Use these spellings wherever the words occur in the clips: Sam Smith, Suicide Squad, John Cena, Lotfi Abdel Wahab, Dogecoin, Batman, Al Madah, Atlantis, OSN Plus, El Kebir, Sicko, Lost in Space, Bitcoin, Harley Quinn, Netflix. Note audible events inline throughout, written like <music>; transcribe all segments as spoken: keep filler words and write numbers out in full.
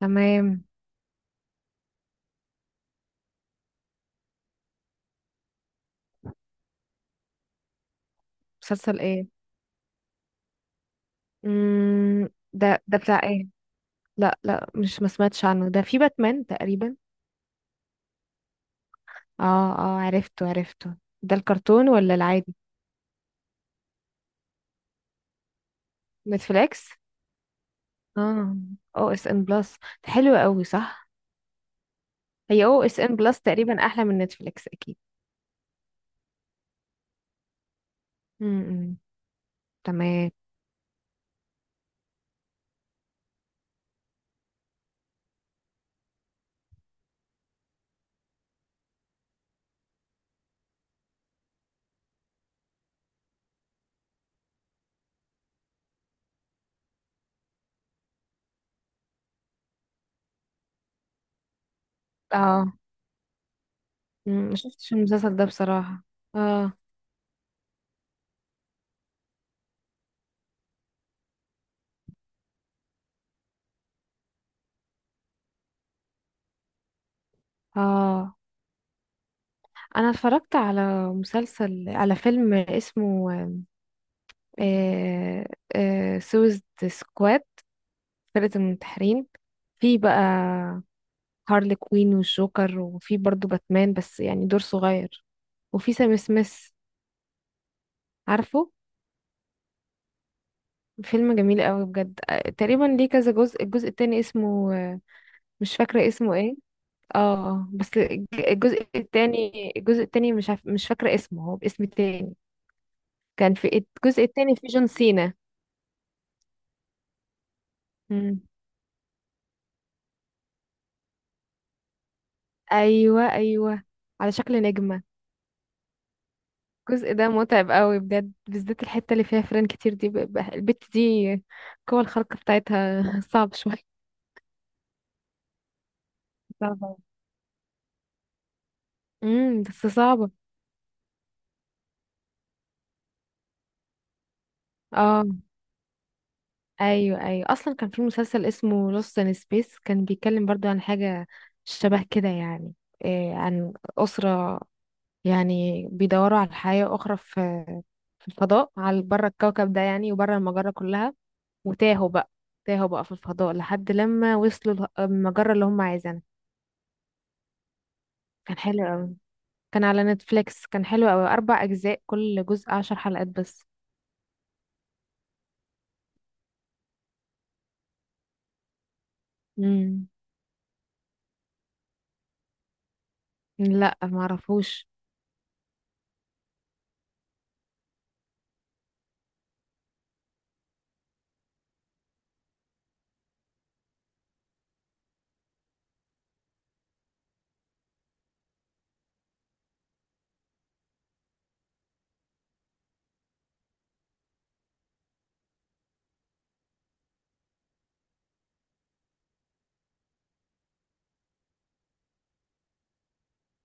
تمام. مسلسل ايه؟ امم ده ده بتاع ايه؟ لا لا، مش ما سمعتش عنه، ده في باتمان تقريبا. اه اه، عرفته عرفته. ده الكرتون ولا العادي؟ نتفليكس. اه. او اس ان بلس. حلو قوي، صح؟ هي او اس ان بلس تقريبا احلى من نتفليكس، اكيد. امم. تمام. اه. مم، ما شفتش المسلسل ده بصراحة. اه اه. انا اتفرجت على مسلسل، على فيلم اسمه آه آه سويس سكواد، فرقة المنتحرين. في بقى هارلي كوين والجوكر، وفي برضو باتمان بس يعني دور صغير، وفي سام سميث، عارفه؟ فيلم جميل قوي بجد، آه، تقريبا ليه كذا جزء. الجزء التاني اسمه، آه، مش فاكرة اسمه ايه. اه. آه، بس الج- الجزء التاني الجزء التاني مش عارف، مش فاكرة اسمه، هو باسم تاني. كان في، الجزء التاني في جون سينا. مم. ايوه ايوه، على شكل نجمة. الجزء ده متعب قوي بجد، بالذات الحتة اللي فيها فيران كتير دي، ب- ب- البت دي، القوة الخارقة بتاعتها <laughs> صعب شوية. صعبة أوي. امم، بس صعبة. اه. ايوه ايوه، اصلا كان في مسلسل اسمه لوست ان سبيس، كان بيتكلم برضو عن حاجة شبه كده يعني. إيه، عن أسرة يعني بيدوروا على حياة أخرى في، في الفضاء على بره الكوكب ده يعني وبره المجرة كلها، وتاهوا بقى، تاهوا بقى في الفضاء لحد لما وصلوا المجرة اللي هم عايزينها. كان حلو، كان على نتفليكس، كان حلو قوي، اربع اجزاء، كل جزء عشر حلقات بس. امم. لا ما اعرفوش.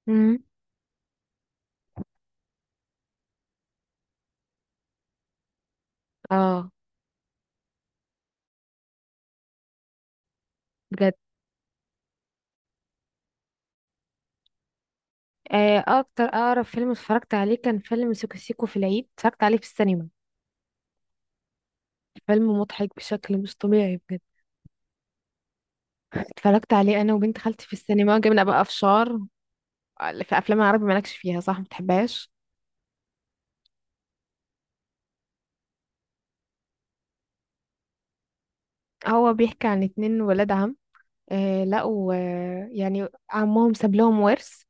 امم. اه. بجد، آه، اكتر، اقرب فيلم اتفرجت عليه كان فيلم سيكو سيكو، في العيد اتفرجت عليه في السينما. فيلم مضحك بشكل مش طبيعي بجد. اتفرجت عليه انا وبنت خالتي في السينما، جبنا بقى فشار. في افلام العربي مالكش فيها، صح ما بتحبهاش. هو بيحكي عن اتنين ولاد عم، آه لقوا، آه يعني عمهم ساب لهم ورث،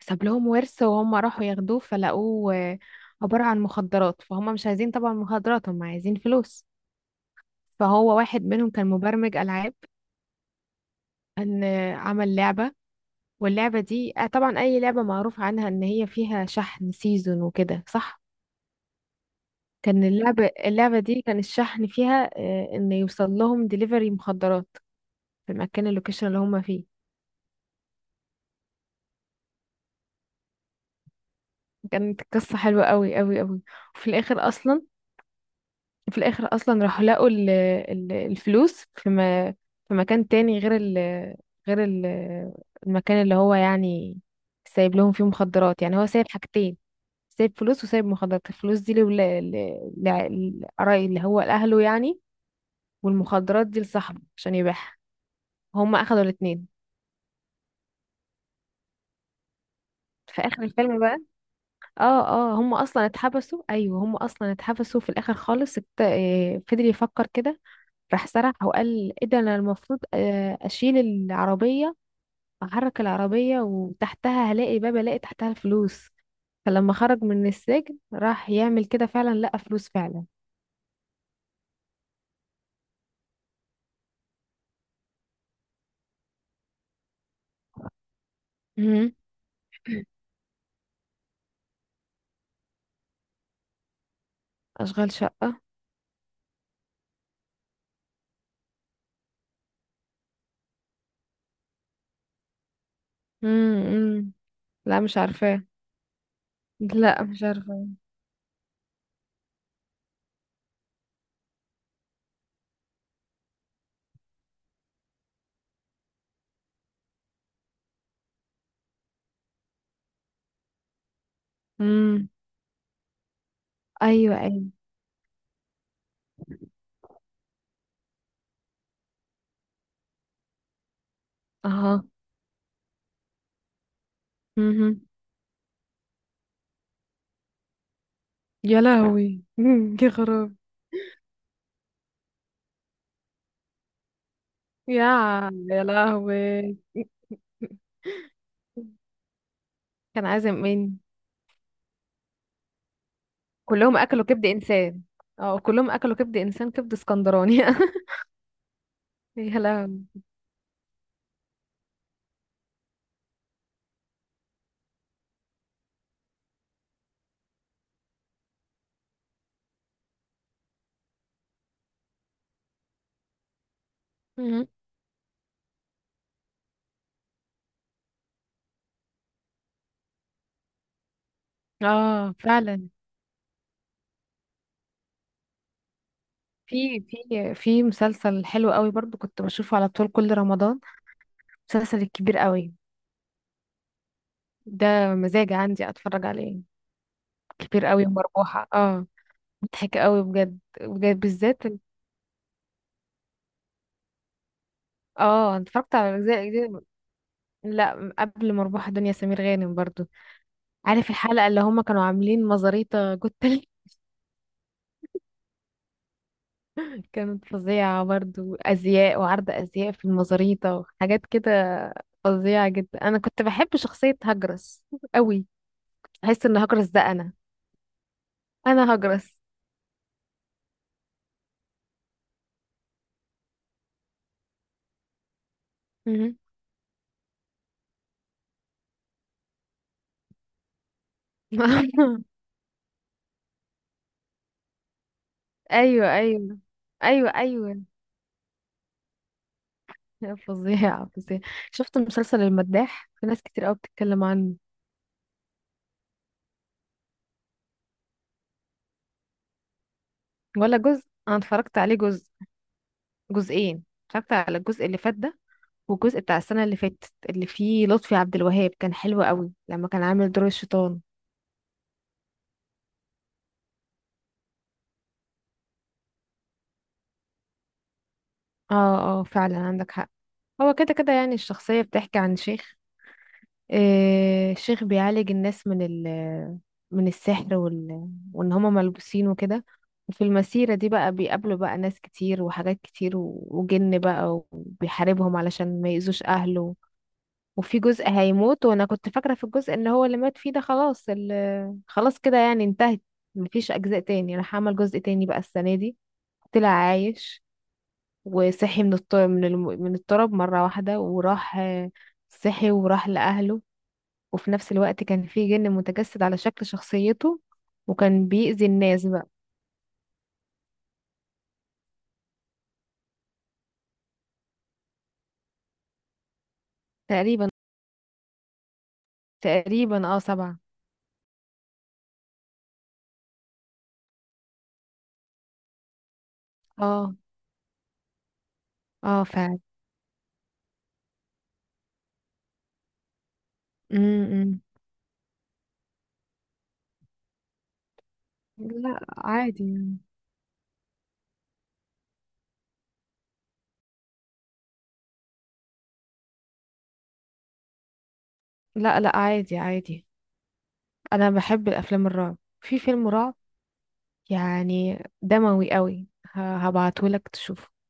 ساب لهم ورث، وهم راحوا ياخدوه فلقوه، آه، عبارة عن مخدرات، فهم مش عايزين طبعا مخدرات، هم عايزين فلوس. فهو واحد منهم كان مبرمج ألعاب، ان، آه، عمل لعبة، واللعبة دي، آه، طبعا أي لعبة معروف عنها إن هي فيها شحن سيزون وكده، صح؟ كان اللعبة، اللعبة دي كان الشحن فيها، آه، إن يوصل لهم دليفري مخدرات في المكان، اللوكيشن اللي هم فيه. كانت قصة حلوة قوي قوي قوي. وفي الآخر أصلا، في الاخر اصلا راحوا لقوا ال- ال- الفلوس في، ما في مكان تاني غير ال غير ال المكان اللي هو يعني سايب لهم فيه مخدرات. يعني هو سايب حاجتين، سايب فلوس وسايب مخدرات. الفلوس دي لولا- ل- لع- لقراي اللي هو لأهله يعني، والمخدرات دي لصاحبه عشان يبيعها. هم اخدوا الاتنين. في اخر الفيلم بقى، اه اه، هم اصلا اتحبسوا. ايوه، هم اصلا اتحبسوا في الاخر خالص. ات- آه، فضل يفكر كده، راح سرح وقال ايه ده، انا المفروض، آه، اشيل العربية، احرك العربية وتحتها هلاقي باب، الاقي تحتها الفلوس. فلما خرج من السجن راح يعمل كده فعلا، لقى فلوس فعلا. امم. اشغال شقة. امم. لا مش عارفاه. لا مش عارفاه. امم. ايوه ايوه. اها. امم. يا لهوي <laughs> مم. يا خراب. يا يا لهوي. كان عازم مين؟ كلهم اكلوا كبد انسان؟ اه كلهم اكلوا كبد انسان، كبد اسكندراني <laughs> يا لهوي. مم. اه فعلا. في في في مسلسل حلو قوي برضو كنت بشوفه على طول كل رمضان، مسلسل الكبير قوي. ده. مزاج عندي اتفرج عليه. كبير قوي ومربوحة، اه. مضحك قوي بجد بجد، بالذات ال- اه. أنا اتفرجت على الاجزاء دي. لا قبل مربوحة، دنيا سمير غانم برضو. عارف الحلقة اللي هما كانوا عاملين مزاريطة جوت <laughs> كانت فظيعة برضو، أزياء وعرض أزياء في المزاريطة وحاجات كده. فظيعة جدا. أنا كنت بحب شخصية هجرس قوي. أحس إن هجرس ده أنا. أنا هجرس. مهم. <laughs> أيوة أيوة. أيوة أيوة. فظيعة فظيعة. شفت مسلسل المداح؟ في ناس كتير قوي بتتكلم عنه. ولا جزء. أنا اتفرجت عليه جزء، جزئين. اتفرجت على الجزء اللي فات ده، والجزء بتاع السنة اللي فاتت اللي فيه لطفي عبد الوهاب، كان حلو قوي لما كان عامل دور الشيطان. اه اه، فعلا عندك حق. هو كده كده، يعني الشخصية بتحكي عن شيخ، آه شيخ بيعالج الناس من ال من السحر، وال وان هما ملبوسين وكده. وفي المسيرة دي بقى بيقابلوا بقى ناس كتير وحاجات كتير، و- وجن بقى، وبيحاربهم علشان ما يأذوش أهله. وفي جزء هيموت، وانا كنت فاكرة في الجزء ان هو اللي مات فيه ده خلاص، ال- خلاص كده يعني انتهت، مفيش أجزاء تاني. راح عمل جزء تاني بقى السنة دي، طلع عايش، وصحي من الط- من الم- من الطرب مرة واحدة، وراح، آه، صحي وراح لأهله، وفي نفس الوقت كان في جن متجسد على شكل شخصيته، وكان بيأذي الناس بقى. تقريبا تقريبا، اه، سبعة. اه اه فعلا. امم. لا عادي يعني. لا لا، عادي عادي. انا بحب الافلام الرعب، في فيلم رعب يعني دموي قوي هبعته لك تشوفه.